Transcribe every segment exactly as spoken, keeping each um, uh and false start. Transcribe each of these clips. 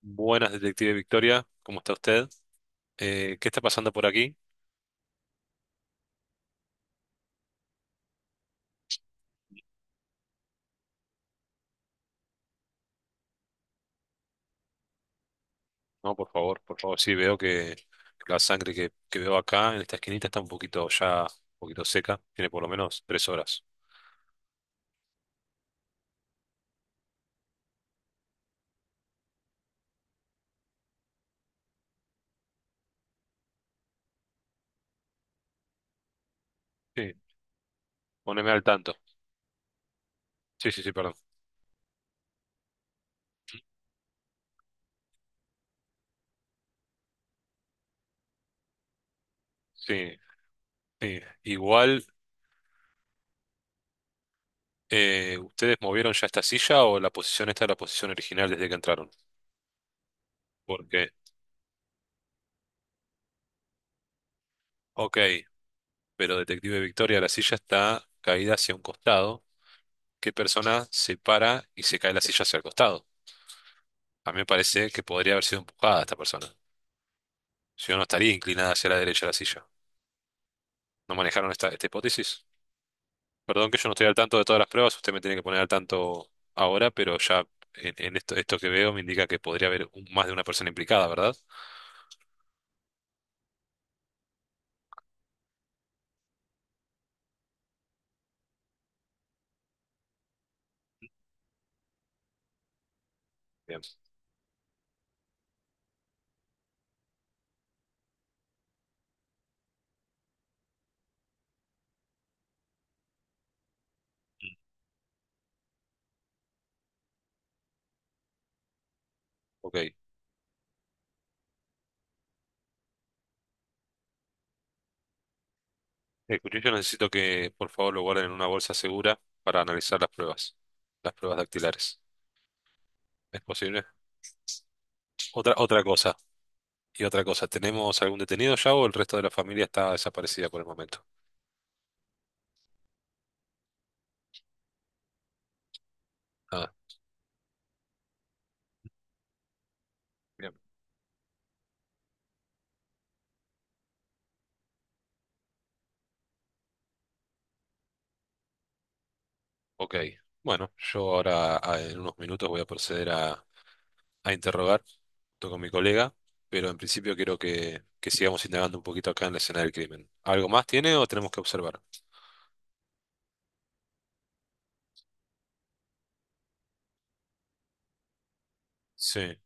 Buenas, detective Victoria, ¿cómo está usted? Eh, ¿qué está pasando por aquí? No, por favor, por favor, sí, veo que la sangre que, que veo acá en esta esquinita está un poquito ya, un poquito seca, tiene por lo menos tres horas. Sí, poneme al tanto. Sí, sí, sí, perdón. Sí, sí. Igual, eh, ¿ustedes movieron ya esta silla o la posición esta es la posición original desde que entraron? Porque, ok, pero detective Victoria, la silla está caída hacia un costado. ¿Qué persona se para y se cae la silla hacia el costado? A mí me parece que podría haber sido empujada esta persona. Si no, no estaría inclinada hacia la derecha de la silla. ¿No manejaron esta, esta hipótesis? Perdón que yo no estoy al tanto de todas las pruebas, usted me tiene que poner al tanto ahora, pero ya en, en esto, esto que veo me indica que podría haber un- más de una persona implicada, ¿verdad? Bien, ok. El cuchillo necesito que por favor lo guarden en una bolsa segura para analizar las pruebas, las pruebas dactilares. ¿Es posible? Otra, otra cosa. Y otra cosa, ¿tenemos algún detenido ya o el resto de la familia está desaparecida por el momento? Ah, bien. Ok. Bueno, yo ahora ah, en unos minutos voy a proceder a, a interrogar junto con mi colega, pero en principio quiero que, que sigamos indagando un poquito acá en la escena del crimen. ¿Algo más tiene o tenemos que observar? Sí,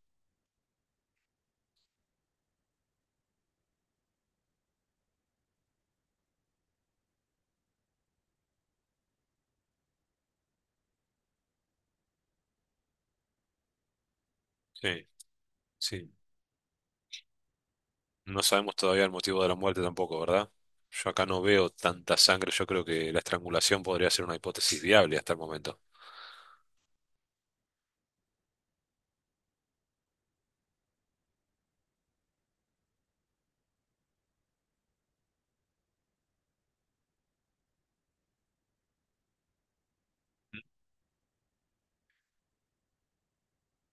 sí, sí. No sabemos todavía el motivo de la muerte tampoco, ¿verdad? Yo acá no veo tanta sangre, yo creo que la estrangulación podría ser una hipótesis viable hasta el momento.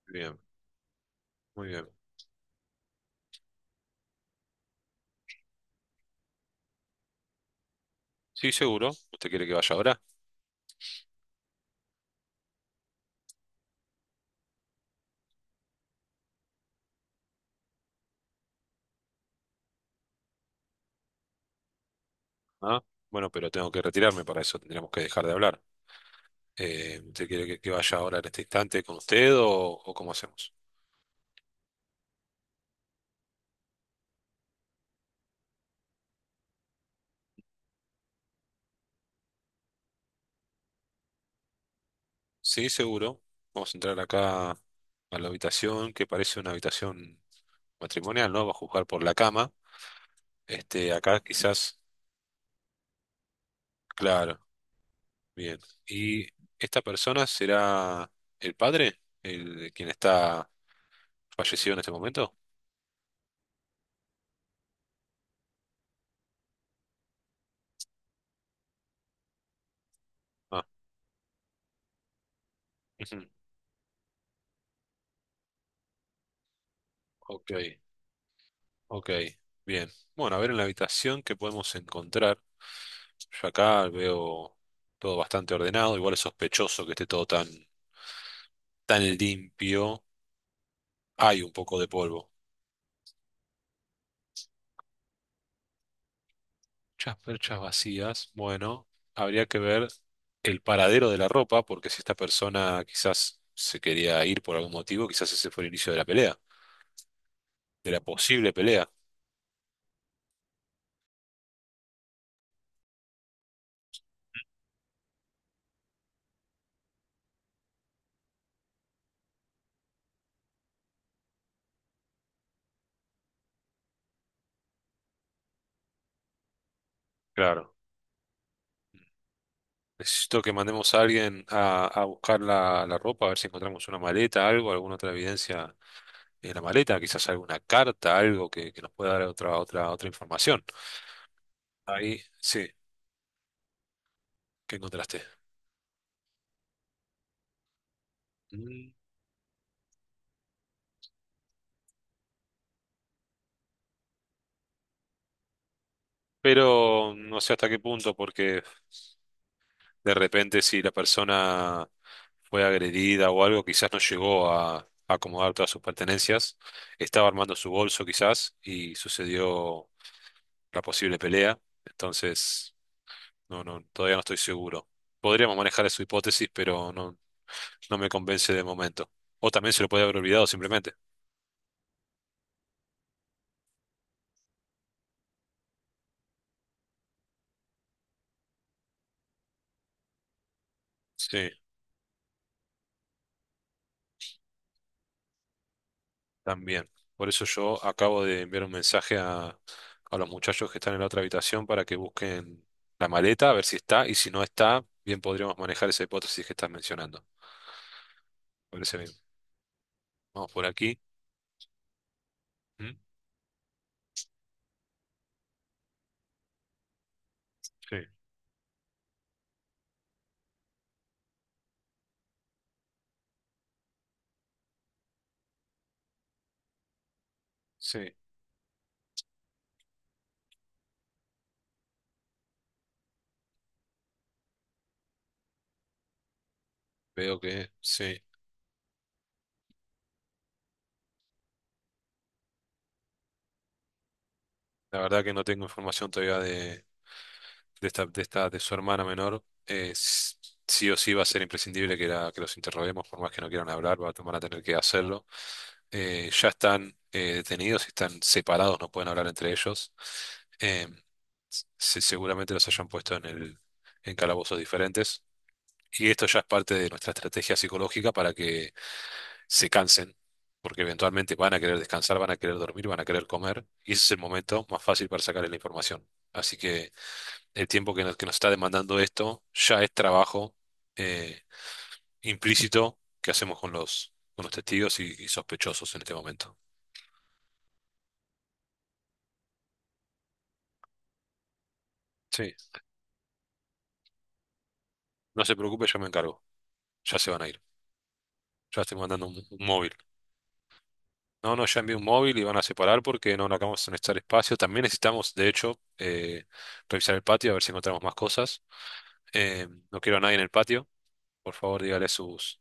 Bien, muy bien. Sí, seguro. ¿Usted quiere que vaya ahora? Ah, bueno, pero tengo que retirarme, para eso tendríamos que dejar de hablar. Eh, ¿usted quiere que, que vaya ahora en este instante con usted o, o cómo hacemos? Sí, seguro. Vamos a entrar acá a la habitación, que parece una habitación matrimonial, ¿no? Va a juzgar por la cama. Este, acá quizás, claro, bien. ¿Y esta persona será el padre? ¿El quien está fallecido en este momento? Ah, ujú, ok. Ok, bien. Bueno, a ver en la habitación qué podemos encontrar. Yo acá veo todo bastante ordenado, igual es sospechoso que esté todo tan, tan limpio. Hay un poco de polvo. Muchas perchas vacías. Bueno, habría que ver el paradero de la ropa, porque si esta persona quizás se quería ir por algún motivo, quizás ese fue el inicio de la pelea, de la posible pelea. Claro. Necesito que mandemos a alguien a, a buscar la, la ropa, a ver si encontramos una maleta, algo, alguna otra evidencia en la maleta, quizás alguna carta, algo que, que nos pueda dar otra, otra, otra información. Ahí, sí, ¿qué encontraste? Mm, pero no sé hasta qué punto, porque de repente si la persona fue agredida o algo, quizás no llegó a a acomodar todas sus pertenencias, estaba armando su bolso quizás y sucedió la posible pelea, entonces no, no, todavía no estoy seguro. Podríamos manejar su hipótesis, pero no, no me convence de momento. O también se lo puede haber olvidado simplemente. Sí. También. Por eso yo acabo de enviar un mensaje a, a los muchachos que están en la otra habitación para que busquen la maleta, a ver si está, y si no está, bien podríamos manejar esa hipótesis que estás mencionando. Parece bien. Vamos por aquí. ¿Mm? Sí. Sí, veo que sí. La verdad que no tengo información todavía de... de esta, de esta, de su hermana menor, eh, s- sí o sí va a ser imprescindible que, la- que los interroguemos, por más que no quieran hablar, va- van a tener que hacerlo. Eh, ya están eh, detenidos, están separados, no pueden hablar entre ellos. Eh, se- Seguramente los hayan puesto en el, en calabozos diferentes. Y esto ya es parte de nuestra estrategia psicológica para que se cansen, porque eventualmente van a querer descansar, van a querer dormir, van a querer comer, y ese es el momento más fácil para sacarle la información. Así que el tiempo que nos, que nos está demandando esto ya es trabajo eh, implícito que hacemos con los, con los testigos y, y sospechosos en este momento. Sí, no se preocupe, yo me encargo. Ya se van a ir. Ya estoy mandando un, un móvil. No, no, ya envié un móvil y van a separar porque no, no acabamos de necesitar espacio. También necesitamos, de hecho, eh, revisar el patio a ver si encontramos más cosas. Eh, no quiero a nadie en el patio. Por favor, dígale a sus,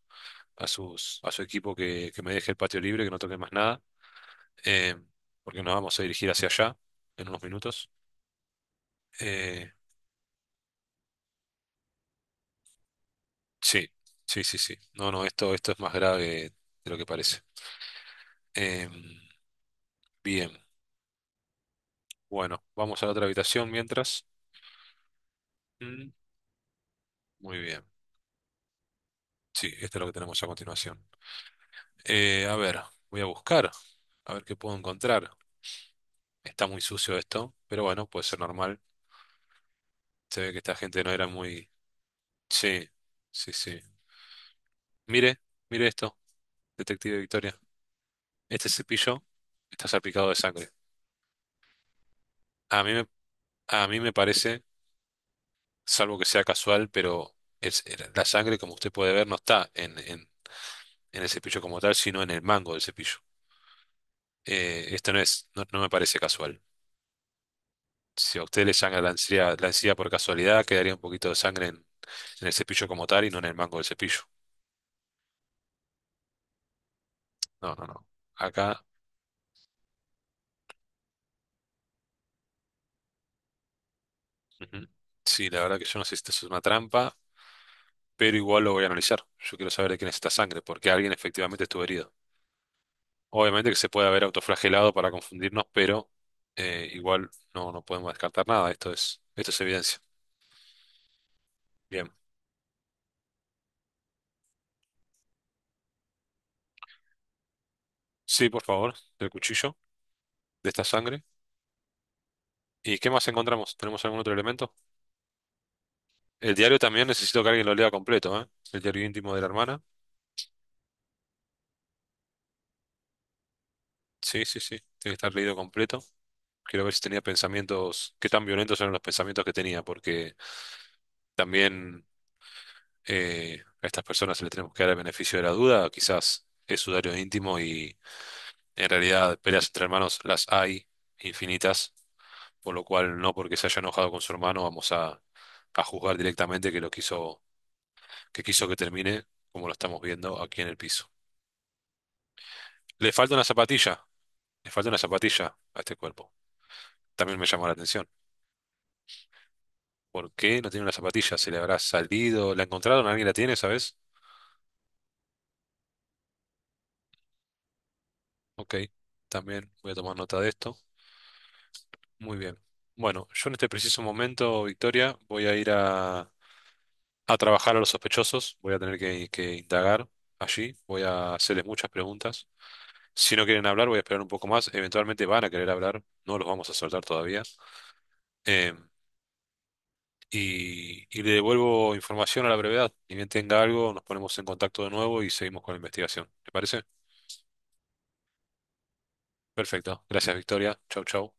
a sus, a su equipo que, que me deje el patio libre, que no toque más nada. eh, porque nos vamos a dirigir hacia allá en unos minutos. Eh, sí, sí, sí, sí. No, no, esto, esto es más grave de lo que parece. Em, bien, bueno, vamos a la otra habitación mientras. Mm, muy bien. Sí, esto es lo que tenemos a continuación. Eh, a ver, voy a buscar, a ver qué puedo encontrar. Está muy sucio esto, pero bueno, puede ser normal. Se ve que esta gente no era muy... Sí, sí, sí. Mire, mire esto, detective Victoria. Este cepillo está salpicado de sangre. A mí me, a mí me parece, salvo que sea casual, pero es, la sangre, como usted puede ver, no está en, en, en el cepillo como tal, sino en el mango del cepillo. Eh, esto no es, no, no me parece casual. Si a usted le sangra la encía, la encía por casualidad, quedaría un poquito de sangre en, en el cepillo como tal y no en el mango del cepillo. No, no, no. Acá, ujú. Sí, la verdad que yo no sé si esto es una trampa, pero igual lo voy a analizar. Yo quiero saber de quién es esta sangre, porque alguien efectivamente estuvo herido. Obviamente que se puede haber autoflagelado para confundirnos, pero eh, igual no, no podemos descartar nada. Esto es, esto es evidencia. Bien. Sí, por favor, del cuchillo, de esta sangre. ¿Y qué más encontramos? ¿Tenemos algún otro elemento? El diario también necesito que alguien lo lea completo, ¿eh? El diario íntimo de la hermana. Sí, sí, sí. Tiene que estar leído completo. Quiero ver si tenía pensamientos, qué tan violentos eran los pensamientos que tenía, porque también eh, a estas personas le tenemos que dar el beneficio de la duda. Quizás es su diario íntimo y en realidad, peleas entre hermanos las hay infinitas, por lo cual no porque se haya enojado con su hermano vamos a, a juzgar directamente que lo quiso, que quiso que termine, como lo estamos viendo aquí en el piso. Le falta una zapatilla, le falta una zapatilla a este cuerpo. También me llamó la atención. ¿Por qué no tiene una zapatilla? ¿Se le habrá salido? ¿La encontraron? ¿Alguien la tiene, sabes? Ok, también voy a tomar nota de esto. Muy bien. Bueno, yo en este preciso momento, Victoria, voy a ir a a trabajar a los sospechosos, voy a tener que, que indagar allí, voy a hacerles muchas preguntas. Si no quieren hablar, voy a esperar un poco más. Eventualmente van a querer hablar, no los vamos a soltar todavía. Eh, y, y le devuelvo información a la brevedad. Ni bien tenga algo, nos ponemos en contacto de nuevo y seguimos con la investigación. ¿Te parece? Perfecto. Gracias, Victoria. Chau, chau.